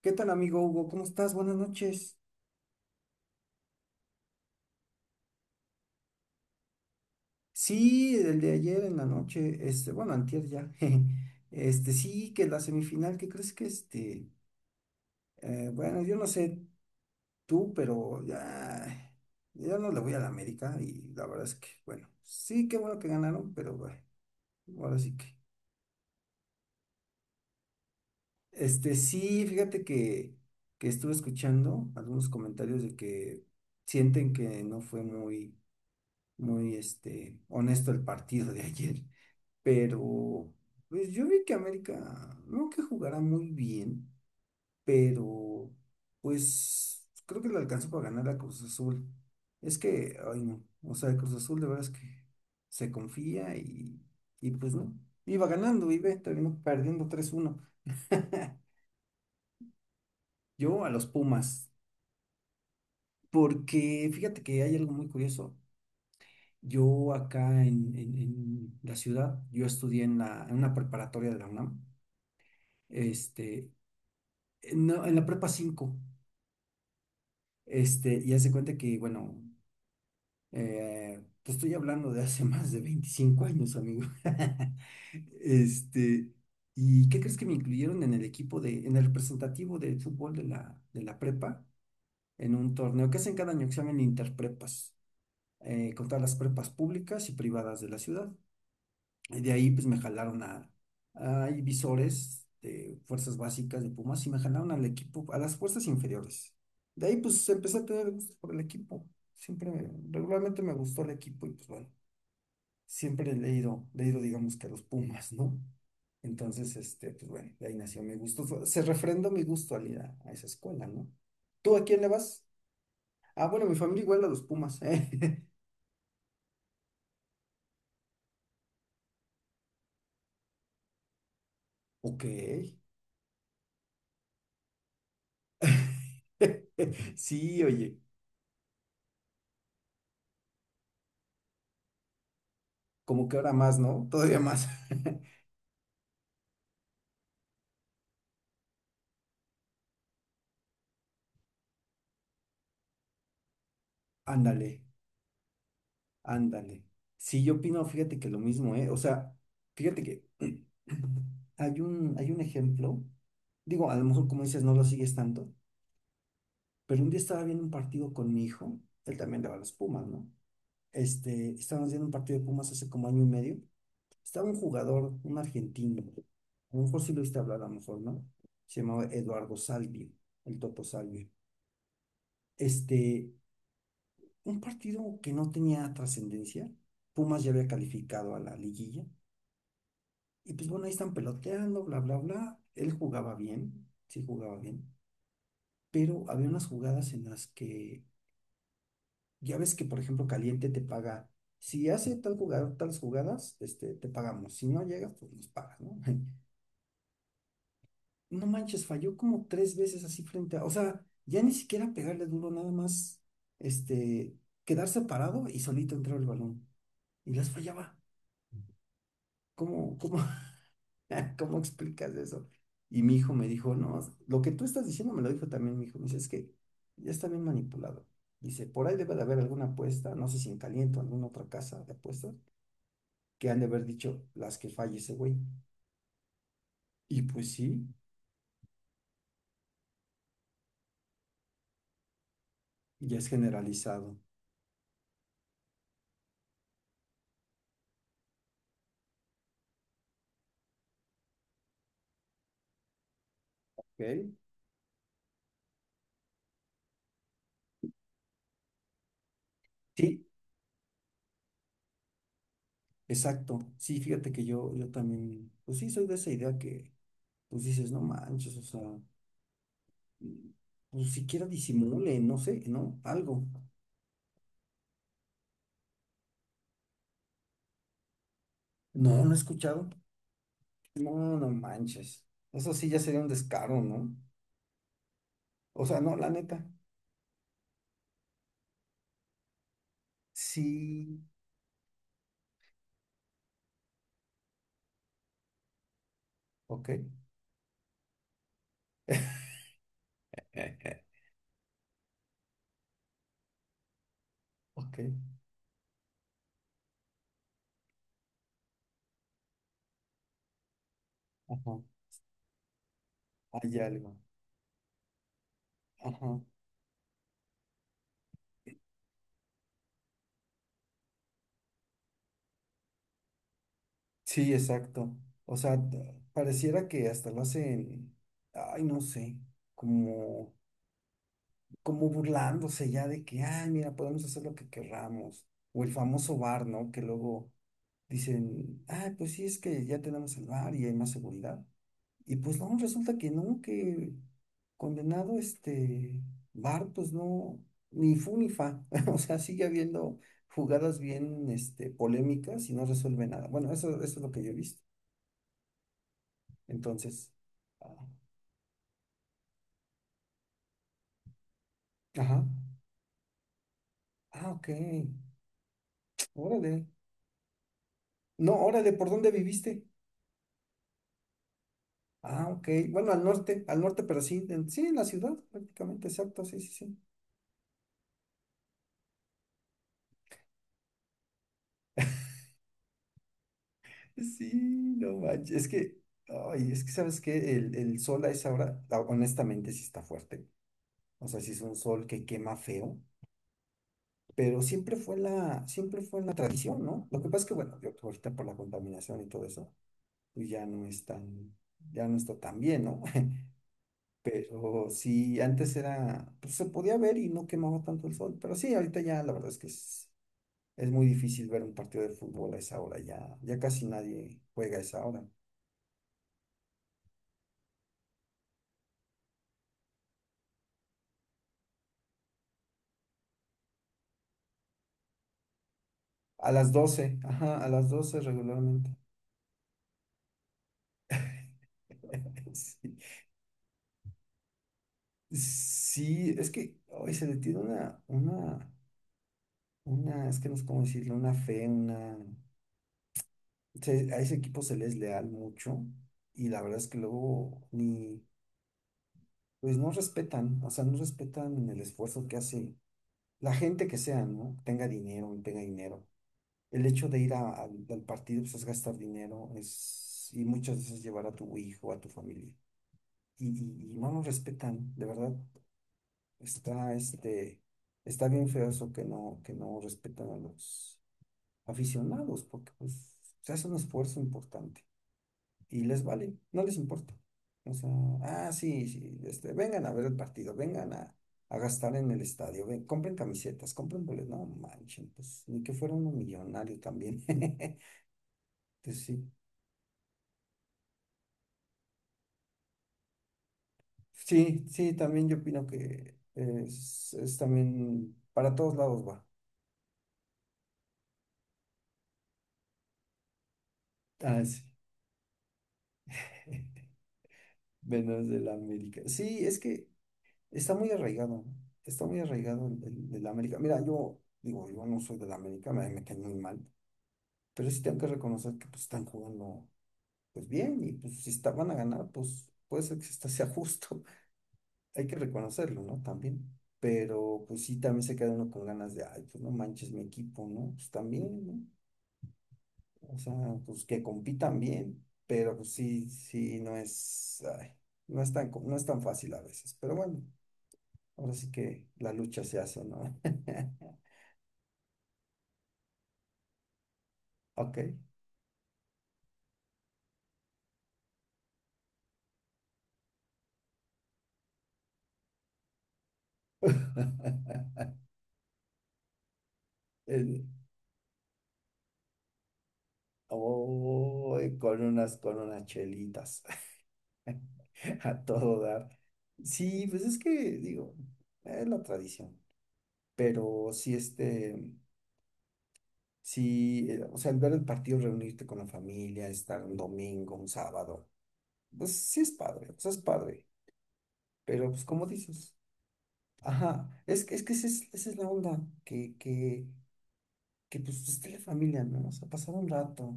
¿Qué tal, amigo Hugo? ¿Cómo estás? Buenas noches. Sí, el de ayer en la noche, bueno, antier ya. jeje. Sí, que la semifinal, ¿qué crees que este? Bueno, yo no sé tú, pero ya, yo no le voy a la América y la verdad es que, bueno, sí, qué bueno que ganaron, pero bueno, ahora sí que. Sí, fíjate que estuve escuchando algunos comentarios de que sienten que no fue muy, muy, honesto el partido de ayer. Pero pues yo vi que América no que jugará muy bien, pero pues creo que le alcanzó para ganar a Cruz Azul. Es que, ay no, o sea, Cruz Azul de verdad es que se confía y pues no, iba ganando terminó perdiendo 3-1. Yo a los Pumas, porque fíjate que hay algo muy curioso. Yo acá en la ciudad, yo estudié en, la, en una preparatoria de la UNAM. este, No, en la prepa 5, y hace cuenta que, bueno, te estoy hablando de hace más de 25 años, amigo. Este, ¿y qué crees que me incluyeron en el equipo de, en el representativo de fútbol de la prepa? En un torneo que hacen cada año, que se llaman Interprepas, con todas las prepas públicas y privadas de la ciudad. Y de ahí pues me jalaron a Divisores de fuerzas básicas de Pumas y me jalaron al equipo, a las fuerzas inferiores. De ahí pues empecé a tener gusto por el equipo. Siempre, regularmente me gustó el equipo y pues bueno, siempre le he ido digamos que a los Pumas, ¿no? Entonces, pues bueno, de ahí nació mi gusto. Se refrendó mi gusto al ir a esa escuela, ¿no? ¿Tú a quién le vas? Ah, bueno, mi familia igual a los Pumas, ¿eh? Ok. Sí, oye. Como que ahora más, ¿no? Todavía más. Ándale, ándale. Sí, yo opino, fíjate que lo mismo, ¿eh? O sea, fíjate que hay un ejemplo, digo, a lo mejor como dices, no lo sigues tanto, pero un día estaba viendo un partido con mi hijo, él también le va a los Pumas, ¿no? Estábamos viendo un partido de Pumas hace como año y medio, estaba un jugador, un argentino, a lo mejor sí lo viste hablar, a lo mejor, ¿no? Se llamaba Eduardo Salvio, el Toto Salvio. Este, un partido que no tenía trascendencia. Pumas ya había calificado a la liguilla. Y pues bueno, ahí están peloteando, bla, bla, bla. Él jugaba bien, sí jugaba bien. Pero había unas jugadas en las que ya ves que, por ejemplo, Caliente te paga. Si hace tal jugador, tales jugadas, te pagamos. Si no llegas, pues nos pagas, ¿no? No manches, falló como tres veces así frente a. O sea, ya ni siquiera pegarle duro, nada más este, quedarse parado y solito entrar el balón. Y las fallaba. ¿Cómo, cómo, ¿Cómo explicas eso? Y mi hijo me dijo, no, lo que tú estás diciendo me lo dijo también mi hijo. Me dice, es que ya está bien manipulado. Dice, por ahí debe de haber alguna apuesta, no sé si en Caliente o alguna otra casa de apuestas, que han de haber dicho las que falle ese güey. Y pues sí, ya es generalizado. Ok. Sí, exacto. Sí, fíjate que yo también, pues sí, soy de esa idea que, pues dices, no manches, o sea, mm, pues siquiera disimule, no sé, ¿no? Algo. No, no he escuchado. No, no manches. Eso sí ya sería un descaro, ¿no? O sea, no, la neta. Sí, ok. Ok, ajá. Hay algo. Ajá. Sí, exacto. O sea, pareciera que hasta lo hacen, ay, no sé, como, como burlándose ya de que, ay, mira, podemos hacer lo que querramos. O el famoso bar, ¿no? Que luego dicen, ay, pues sí, es que ya tenemos el bar y hay más seguridad. Y pues no, resulta que no, que condenado este Bart, pues no, ni fu ni fa. O sea, sigue habiendo jugadas bien polémicas y no resuelve nada. Bueno, eso es lo que yo he visto. Entonces, ah, ajá. Ah, ok. Órale. No, órale, ¿por dónde viviste? Ah, ok. Bueno, al norte, pero sí, en, sí, en la ciudad, prácticamente, exacto, sí, sí, sí. Sí, no manches. Es que, ay, es que sabes que el sol a esa hora, honestamente, sí está fuerte. O sea, sí es un sol que quema feo, pero siempre fue la tradición, ¿no? Lo que pasa es que, bueno, yo ahorita por la contaminación y todo eso, pues ya no es tan, ya no está tan bien, ¿no? Pero sí, antes era, pues se podía ver y no quemaba tanto el sol. Pero sí, ahorita ya la verdad es que es, muy difícil ver un partido de fútbol a esa hora, ya casi nadie juega a esa hora. A las 12, ajá, a las 12 regularmente. Sí, sí, es que hoy se le tiene una, es que no sé cómo decirlo, una fe, una... a ese equipo se les leal mucho y la verdad es que luego ni, pues no respetan, o sea, no respetan el esfuerzo que hace la gente que sea, ¿no? Tenga dinero, no tenga dinero. El hecho de ir al partido, pues es gastar dinero, es, y muchas veces llevar a tu hijo, a tu familia y no nos respetan, de verdad. Está, está bien feo eso que no respetan a los aficionados, porque pues se hace un esfuerzo importante y les vale, no les importa. O sea, ah, sí, sí, vengan a ver el partido, vengan a gastar en el estadio, ven, compren camisetas, compren boletos, no manchen, pues ni que fuera uno millonario también. Entonces sí, sí, sí, también yo opino que es también para todos lados va. Ah, sí. Venus del América. Sí, es que está muy arraigado, ¿no? Está muy arraigado del América. Mira, yo digo, yo no soy del América, me cae muy mal, pero sí tengo que reconocer que pues están jugando pues bien y pues si está, van a ganar, pues puede ser que hasta sea justo, hay que reconocerlo, ¿no? También. Pero pues sí, también se queda uno con ganas de, ay, pues no manches mi equipo, ¿no? Pues también, ¿no? O sea, pues que compitan bien, pero pues sí, sí, no es, ay, no es tan, no es tan fácil a veces, pero bueno. Ahora sí que la lucha se hace, ¿no? Ok. En- oh, con unas chelitas a todo dar. Sí, pues es que, digo, es la tradición. Pero sí, sí, o sea, el ver el partido, reunirte con la familia, estar un domingo, un sábado, pues sí es padre, o sea, es padre. Pero pues como dices, ajá, es, es que esa es la onda, que, que que pues esté la familia, ¿no? O sea, pasar un rato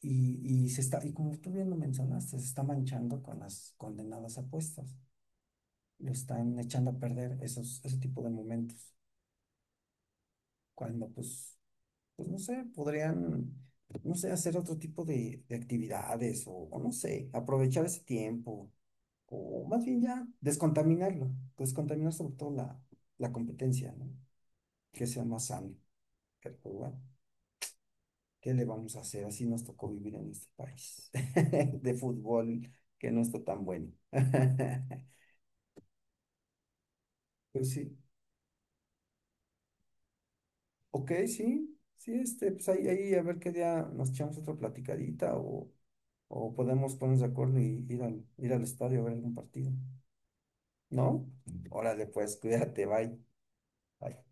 y se está, y como tú bien lo mencionaste, se está manchando con las condenadas apuestas, lo están echando a perder esos, ese tipo de momentos, cuando pues, pues no sé, podrían, no sé, hacer otro tipo de actividades o no sé, aprovechar ese tiempo, o más bien ya, descontaminarlo, descontaminar sobre todo la, competencia, ¿no? Que sea más sano, pero pues, bueno. ¿Qué le vamos a hacer? Así nos tocó vivir en este país de fútbol que no está tan bueno. Pero sí, ok, sí, sí, pues ahí, ahí a ver qué día nos echamos otra platicadita o podemos ponernos de acuerdo y ir al estadio a ver algún partido. ¿No? Órale, pues, cuídate, bye. Bye.